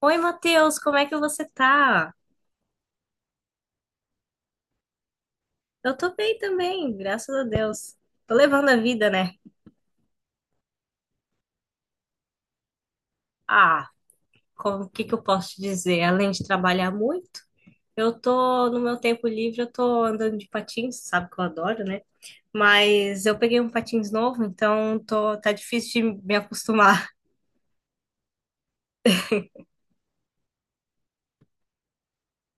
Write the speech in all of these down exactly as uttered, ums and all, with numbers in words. Oi, Matheus, como é que você tá? Eu tô bem também, graças a Deus. Tô levando a vida, né? Ah, como- o que que eu posso te dizer? Além de trabalhar muito, eu tô, no meu tempo livre, eu tô andando de patins, sabe que eu adoro, né? Mas eu peguei um patins novo, então tô, tá difícil de me acostumar.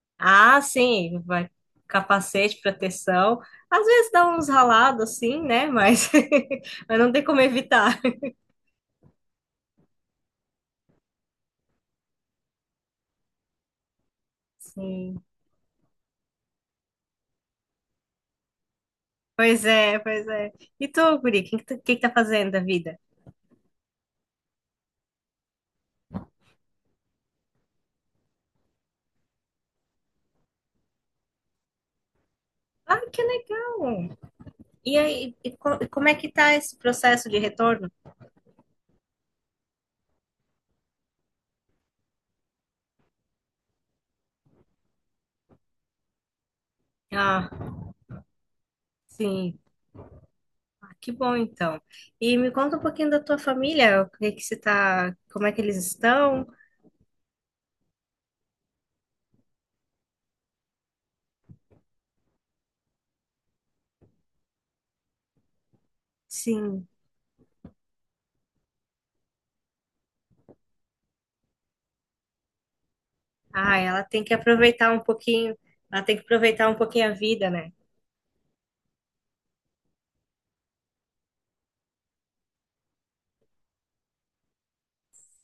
Ah, sim, vai capacete, proteção. Às vezes dá uns ralados assim, né? Mas, mas não tem como evitar. Sim. Pois é, pois é. E tu, guri, o que, que, tu- que que tá fazendo da vida? Ah, que legal! E aí, e co- e como é que tá esse processo de retorno? Ah, sim. Ah, que bom, então. E me conta um pouquinho da tua família, o que que você tá, como é que eles estão? Sim. Ah, ela tem que aproveitar um pouquinho, ela tem que aproveitar um pouquinho a vida, né?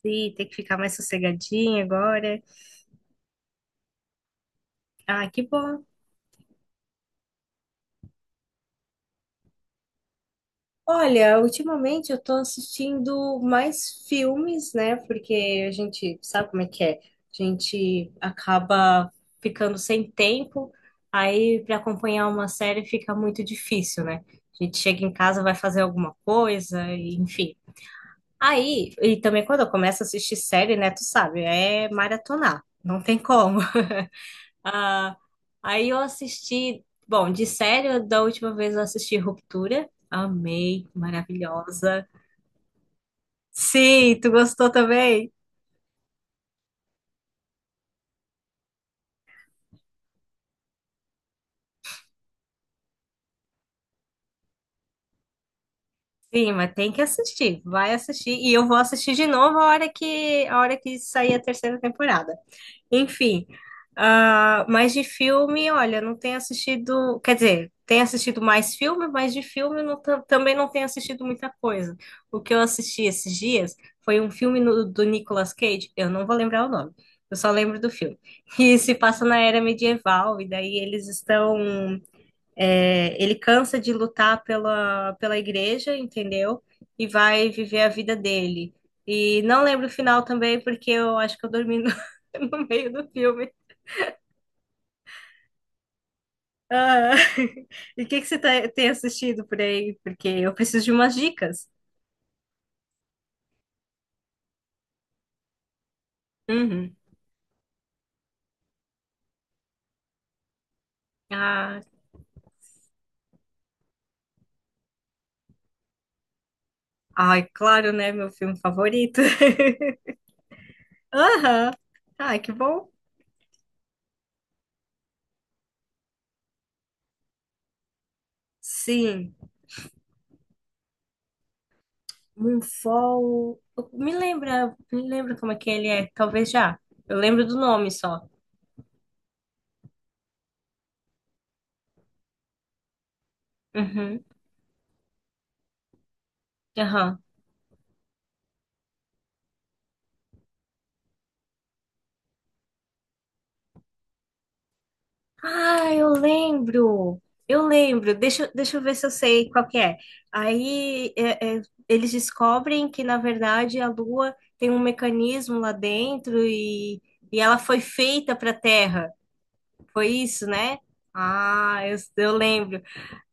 Sim, tem que ficar mais sossegadinha agora. Ah, que bom. Olha, ultimamente eu tô assistindo mais filmes, né? Porque a gente sabe como é que é. A gente acaba ficando sem tempo, aí para acompanhar uma série fica muito difícil, né? A gente chega em casa, vai fazer alguma coisa, e, enfim. Aí, e também quando eu começo a assistir série, né? Tu sabe, é maratonar, não tem como. Ah, aí eu assisti, bom, de série, da última vez eu assisti Ruptura. Amei, maravilhosa. Sim, tu gostou também? Sim, mas tem que assistir, vai assistir. E eu vou assistir de novo a hora que, a hora que sair a terceira temporada. Enfim, ah, mas de filme, olha, não tenho assistido. Quer dizer, tenho assistido mais filme, mas de filme não tam- também não tenho assistido muita coisa. O que eu assisti esses dias foi um filme no- do Nicolas Cage, eu não vou lembrar o nome, eu só lembro do filme. E se passa na era medieval, e daí eles estão É, ele cansa de lutar pela, pela igreja, entendeu? E vai viver a vida dele. E não lembro o final também, porque eu acho que eu dormi no, no meio do filme. Ah, e o que que você tá- tem assistido por aí? Porque eu preciso de umas dicas. Uhum. Ah, ai, claro, né? Meu filme favorito. Aham. Ai, que bom. Sim, Moonfall. Me lembra, me lembra como é que ele é? Talvez já. Eu lembro do nome só. Uhum. Aham. Ah, eu lembro. Eu lembro. Deixa, eu- deixa eu ver se eu sei qual que é. Aí é- é, eles descobrem que, na verdade, a Lua tem um mecanismo lá dentro e, e ela foi feita para a Terra. Foi isso, né? Ah, eu, eu lembro.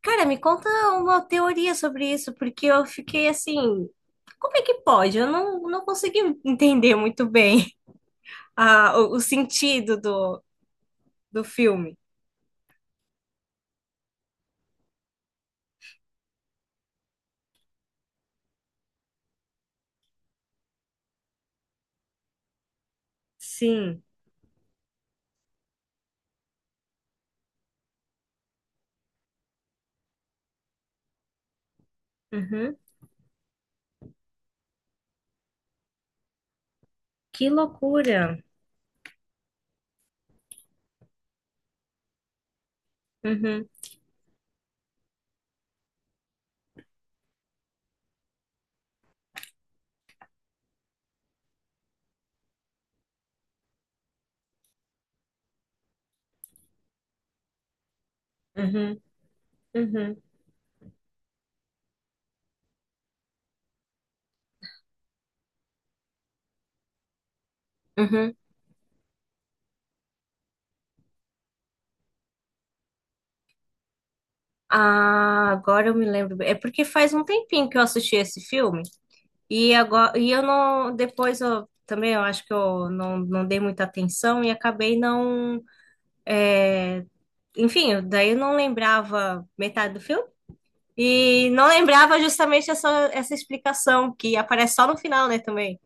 Cara, me conta uma teoria sobre isso, porque eu fiquei assim. Como é que pode? Eu não, não consegui entender muito bem a o, o sentido do, do filme. Sim. Uhum. Que loucura. Uhum, uhum, uhum, uhum. Ah, agora eu me lembro bem. É porque faz um tempinho que eu assisti esse filme e agora e eu não depois eu também eu acho que eu não, não dei muita atenção e acabei não, enfim, daí eu não lembrava metade do filme e não lembrava justamente essa essa explicação que aparece só no final, né, também.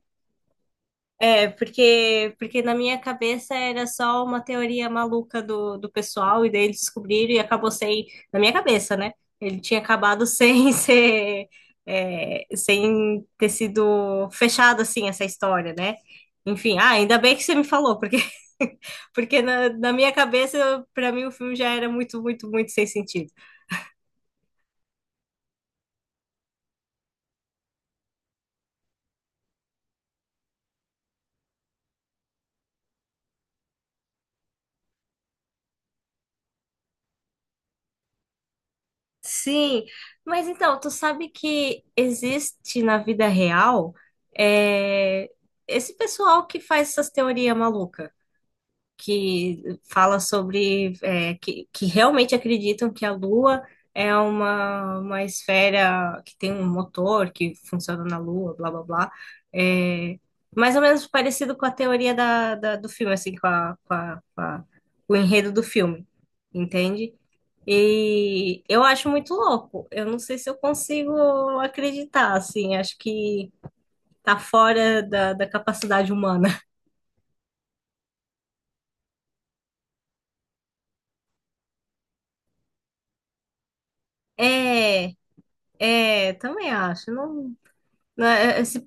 É, porque, porque na minha cabeça era só uma teoria maluca do, do pessoal, e daí eles descobriram e acabou sem. Na minha cabeça, né? Ele tinha acabado sem ser. É, sem ter sido fechado assim essa história, né? Enfim, ah, ainda bem que você me falou, porque, porque na, na minha cabeça, para mim, o filme já era muito, muito, muito sem sentido. Sim, mas então, tu sabe que existe na vida real é, esse pessoal que faz essas teorias malucas que fala sobre é, que, que realmente acreditam que a Lua é uma, uma esfera que tem um motor que funciona na Lua, blá blá blá. É, mais ou menos parecido com a teoria da, da- do filme, assim, com a, com a- com a- o enredo do filme, entende? E eu acho muito louco. Eu não sei se eu consigo acreditar, assim, acho que tá fora da, da capacidade humana. É, é, também acho. Não, não, é- é- se-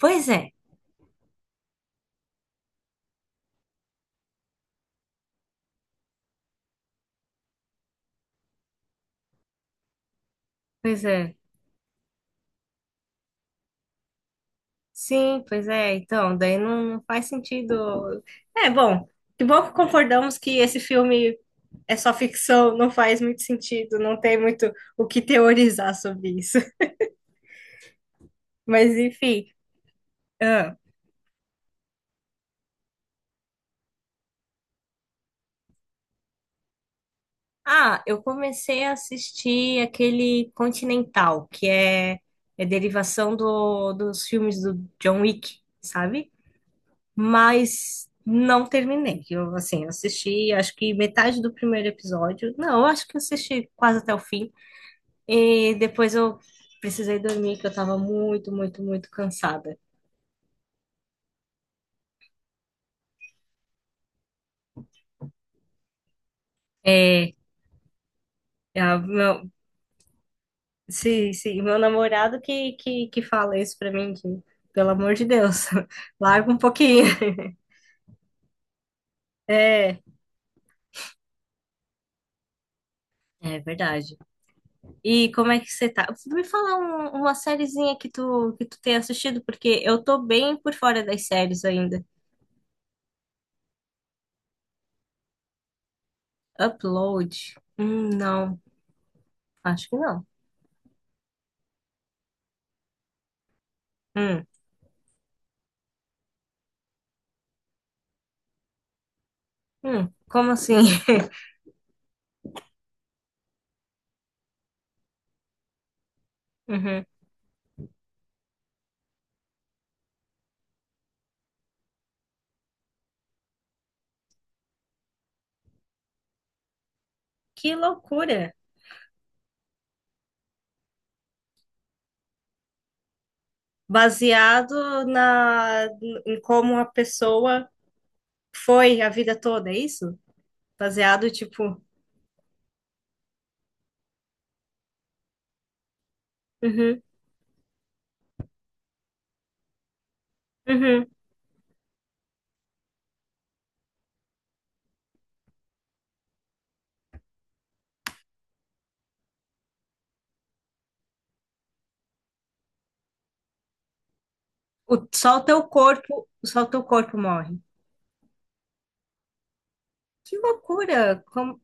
pois é, pois é. Sim, pois é. Então, daí não, não faz sentido. É, bom, que bom que concordamos que esse filme é só ficção, não faz muito sentido, não tem muito o que teorizar sobre isso. Mas, enfim. Ah, Ah, eu comecei a assistir aquele Continental, que é, é derivação do, dos filmes do John Wick, sabe? Mas não terminei. Eu, assim, assisti acho que metade do primeiro episódio. Não, eu acho que eu assisti quase até o fim. E depois eu precisei dormir, que eu tava muito, muito, muito cansada. É, a- meu, se, se, meu namorado que, que, que fala isso pra mim, que, pelo amor de Deus, larga um pouquinho. É. É verdade. E como é que você tá? Me fala um- uma sériezinha que tu, que tu tem assistido, porque eu tô bem por fora das séries ainda. Upload? Hum, não, acho que não. Hum, hum, como assim? Uhum. Que loucura! Baseado na, em como a pessoa foi a vida toda, é isso? Baseado, tipo, uhum, uhum. O, só o teu corpo, só o teu corpo morre. Que loucura! Como,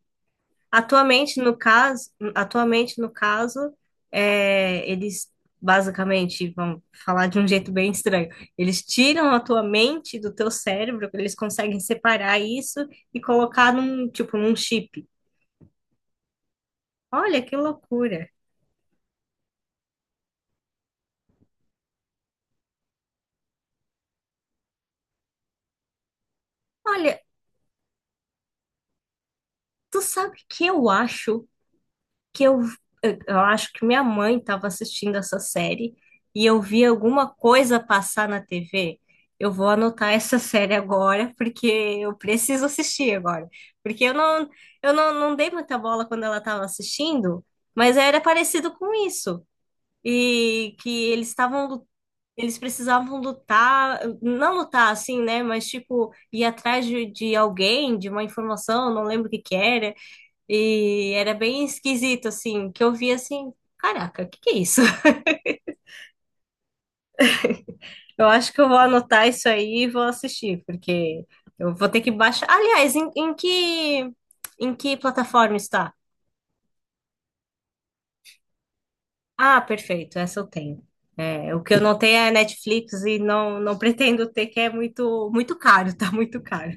Atualmente, no caso, atualmente, no caso, é, eles basicamente, vamos falar de um jeito bem estranho, eles tiram a tua mente do teu cérebro, eles conseguem separar isso e colocar num, tipo, num chip. Olha que loucura. Olha, tu sabe que eu acho que eu, eu acho que minha mãe estava assistindo essa série e eu vi alguma coisa passar na T V. Eu vou anotar essa série agora, porque eu preciso assistir agora. Porque eu não, eu não, não dei muita bola quando ela estava assistindo, mas era parecido com isso. E que eles estavam, lu- eles precisavam lutar, não lutar assim, né? Mas tipo, ir atrás de, de alguém, de uma informação, não lembro o que que era. E era bem esquisito, assim, que eu vi assim, caraca, o que que é isso? Eu acho que eu vou anotar isso aí e vou assistir, porque eu vou ter que baixar. Aliás, em, em que em que plataforma está? Ah, perfeito, essa eu tenho. É, o que eu não tenho é Netflix e não, não pretendo ter, que é muito, muito caro, tá muito caro.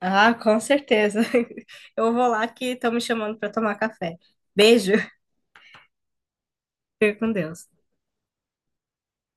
Ah, com certeza. Eu vou lá que estão me chamando para tomar café. Beijo, fique com Deus.